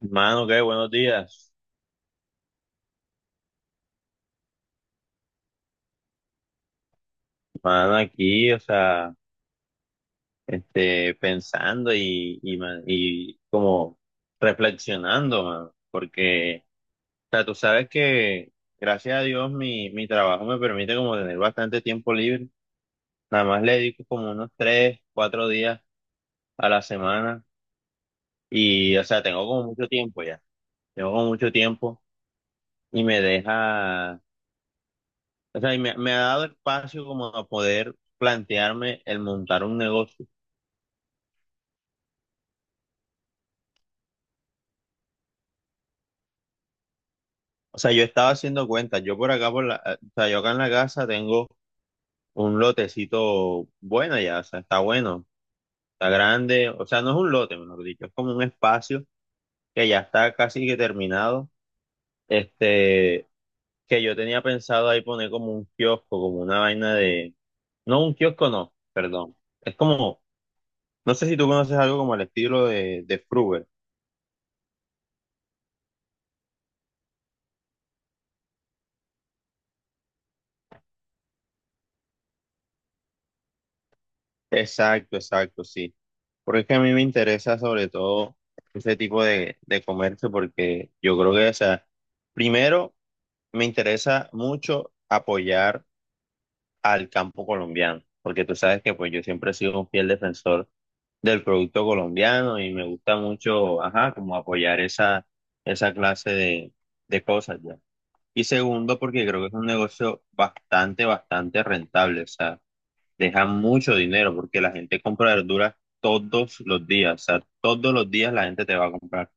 Mano, qué buenos días. Mano, aquí, o sea, pensando y como reflexionando, mano, porque, o sea, tú sabes que gracias a Dios mi trabajo me permite como tener bastante tiempo libre. Nada más le dedico como unos tres, cuatro días a la semana y, o sea, tengo como mucho tiempo ya. Tengo como mucho tiempo y me deja, o sea, y me ha dado espacio como a poder plantearme el montar un negocio. O sea, yo estaba haciendo cuentas. Yo por acá, o sea, yo acá en la casa tengo un lotecito bueno ya, o sea, está bueno, está grande. O sea, no es un lote, mejor dicho, es como un espacio que ya está casi que terminado. Este, que yo tenía pensado ahí poner como un kiosco, como una vaina de, no, un kiosco no, perdón. Es como, no sé si tú conoces algo como el estilo de Fruver. Exacto, exacto, sí. Porque es que a mí me interesa sobre todo ese tipo de comercio porque yo creo que, o sea, primero me interesa mucho apoyar al campo colombiano, porque tú sabes que pues yo siempre he sido un fiel defensor del producto colombiano y me gusta mucho, ajá, como apoyar esa, esa clase de cosas ya. Y segundo, porque creo que es un negocio bastante, bastante rentable, o sea, dejan mucho dinero porque la gente compra verduras todos los días, o sea, todos los días la gente te va a comprar.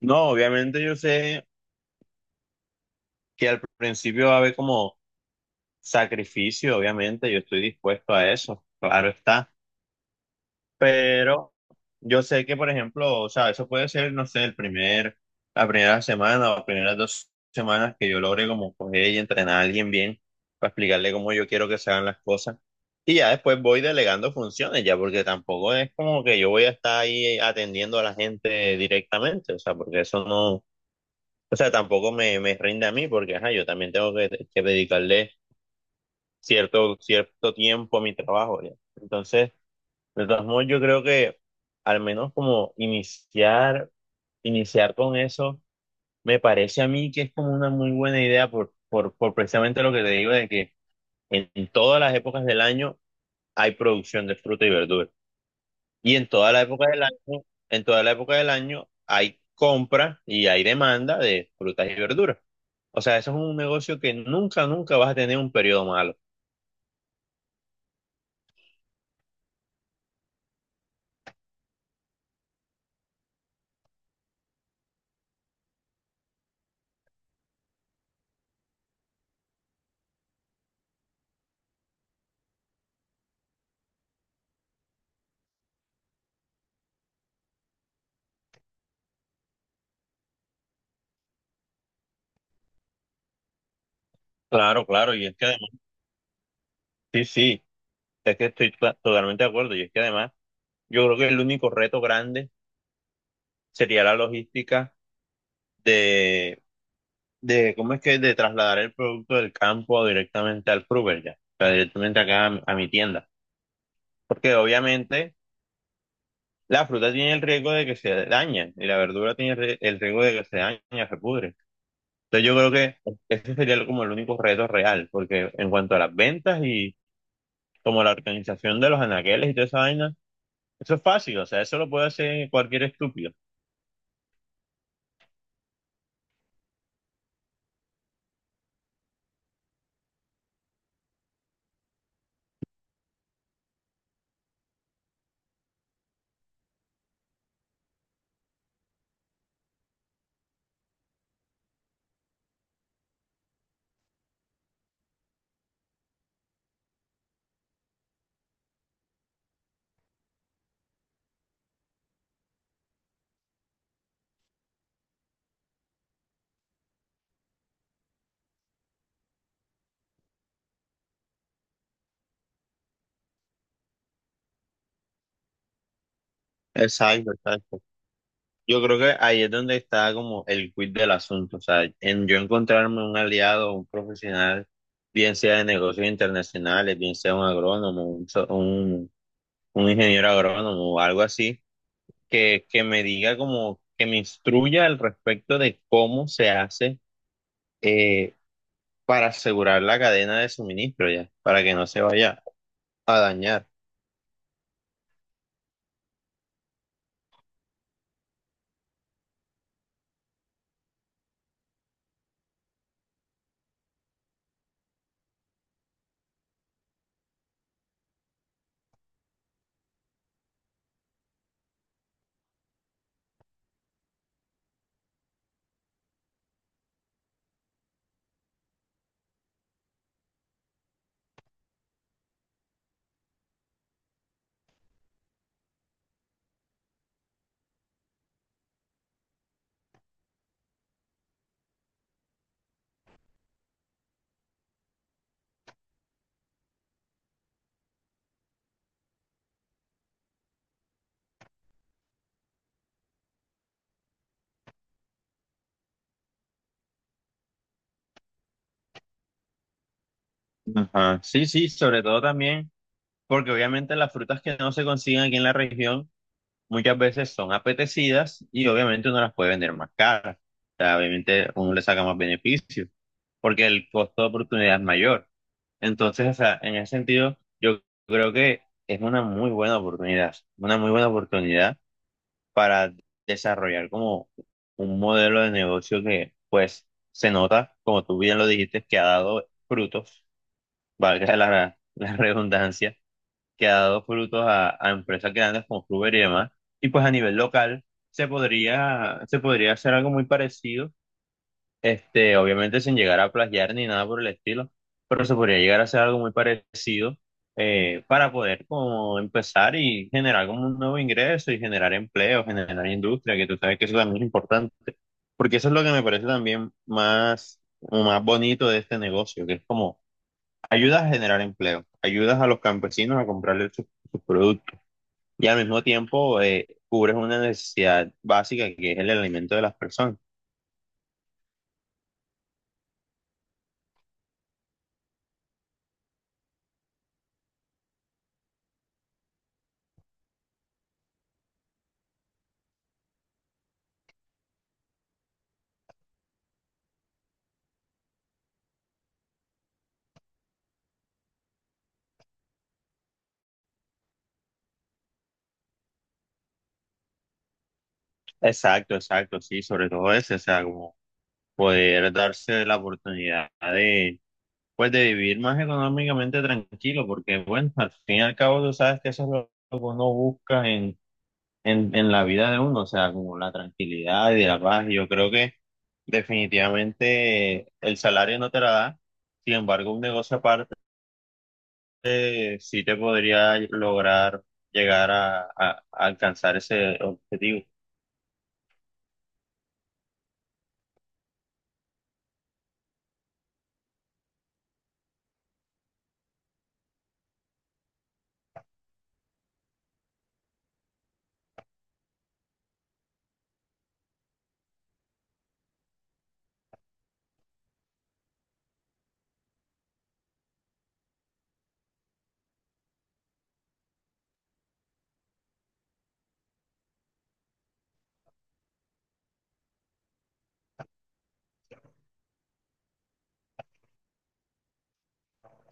No, obviamente yo sé que al principio va a haber como sacrificio, obviamente yo estoy dispuesto a eso, claro está. Pero yo sé que, por ejemplo, o sea, eso puede ser, no sé, el primer, la primera semana o primeras dos semanas que yo logre como coger y entrenar a alguien bien para explicarle cómo yo quiero que se hagan las cosas. Y ya después voy delegando funciones, ya, porque tampoco es como que yo voy a estar ahí atendiendo a la gente directamente, o sea, porque eso no, o sea, tampoco me rinde a mí, porque, ajá, yo también tengo que dedicarle cierto tiempo a mi trabajo, ya. Entonces... De todos modos, yo creo que al menos como iniciar, iniciar con eso, me parece a mí que es como una muy buena idea por precisamente lo que te digo de que en todas las épocas del año hay producción de fruta y verdura. Y en toda la época del año, en toda la época del año hay compra y hay demanda de frutas y verduras. O sea, eso es un negocio que nunca, nunca vas a tener un periodo malo. Claro, claro, y es que además, sí, sí, es que estoy totalmente de acuerdo, y es que además yo creo que el único reto grande sería la logística de, de, ¿cómo es que? De trasladar el producto del campo directamente al Fruver ya, o sea, directamente acá a, mi tienda. Porque obviamente la fruta tiene el riesgo de que se dañe y la verdura tiene el el riesgo de que se dañe, se pudre. Entonces yo creo que ese sería como el único reto real, porque en cuanto a las ventas y como la organización de los anaqueles y toda esa vaina, eso es fácil, o sea, eso lo puede hacer cualquier estúpido. Exacto, exacto. Yo creo que ahí es donde está como el quid del asunto, o sea, en yo encontrarme un aliado, un profesional, bien sea de negocios internacionales, bien sea un agrónomo, un ingeniero agrónomo o algo así, que me diga como, que me instruya al respecto de cómo se hace eh, para asegurar la cadena de suministro ya, para que no se vaya a dañar. Ajá, sí, sí, sobre todo también, porque obviamente las frutas que no se consiguen aquí en la región, muchas veces son apetecidas y obviamente uno las puede vender más caras. O sea, obviamente uno le saca más beneficio porque el costo de oportunidad es mayor. Entonces, o sea, en ese sentido, yo creo que es una muy buena oportunidad, una muy buena oportunidad para desarrollar como un modelo de negocio que, pues, se nota, como tú bien lo dijiste, que ha dado frutos, valga la redundancia que ha dado frutos a empresas grandes como Uber y demás. Y pues a nivel local se podría hacer algo muy parecido, obviamente sin llegar a plagiar ni nada por el estilo, pero se podría llegar a hacer algo muy parecido, para poder como empezar y generar como un nuevo ingreso y generar empleo, generar industria, que tú sabes que eso también es importante. Porque eso es lo que me parece también más, más bonito de este negocio, que es como ayudas a generar empleo, ayudas a los campesinos a comprarle sus sus productos y al mismo tiempo, cubres una necesidad básica que es el alimento de las personas. Exacto, exacto, sí, sobre todo ese, o sea, como poder darse la oportunidad de, pues, de vivir más económicamente tranquilo, porque bueno, al fin y al cabo tú sabes que eso es lo que uno busca en en la vida de uno, o sea, como la tranquilidad y la paz. Yo creo que definitivamente el salario no te la da, sin embargo, un negocio aparte, sí te podría lograr llegar a alcanzar ese objetivo.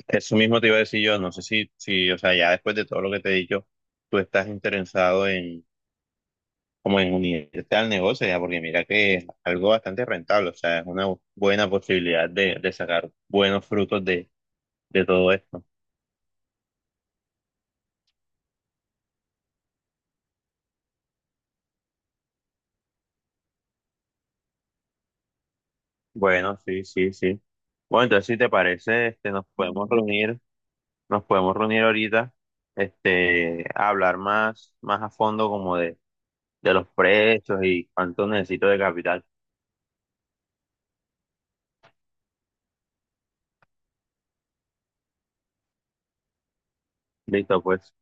Eso mismo te iba a decir yo, no sé si, si, o sea, ya después de todo lo que te he dicho, tú estás interesado en, como en unirte al negocio, ya, porque mira que es algo bastante rentable, o sea, es una buena posibilidad de sacar buenos frutos de todo esto. Bueno, sí, sí, sí. Bueno, entonces si te parece, nos podemos reunir ahorita, a hablar más, más a fondo como de los precios y cuánto necesito de capital. Listo, pues.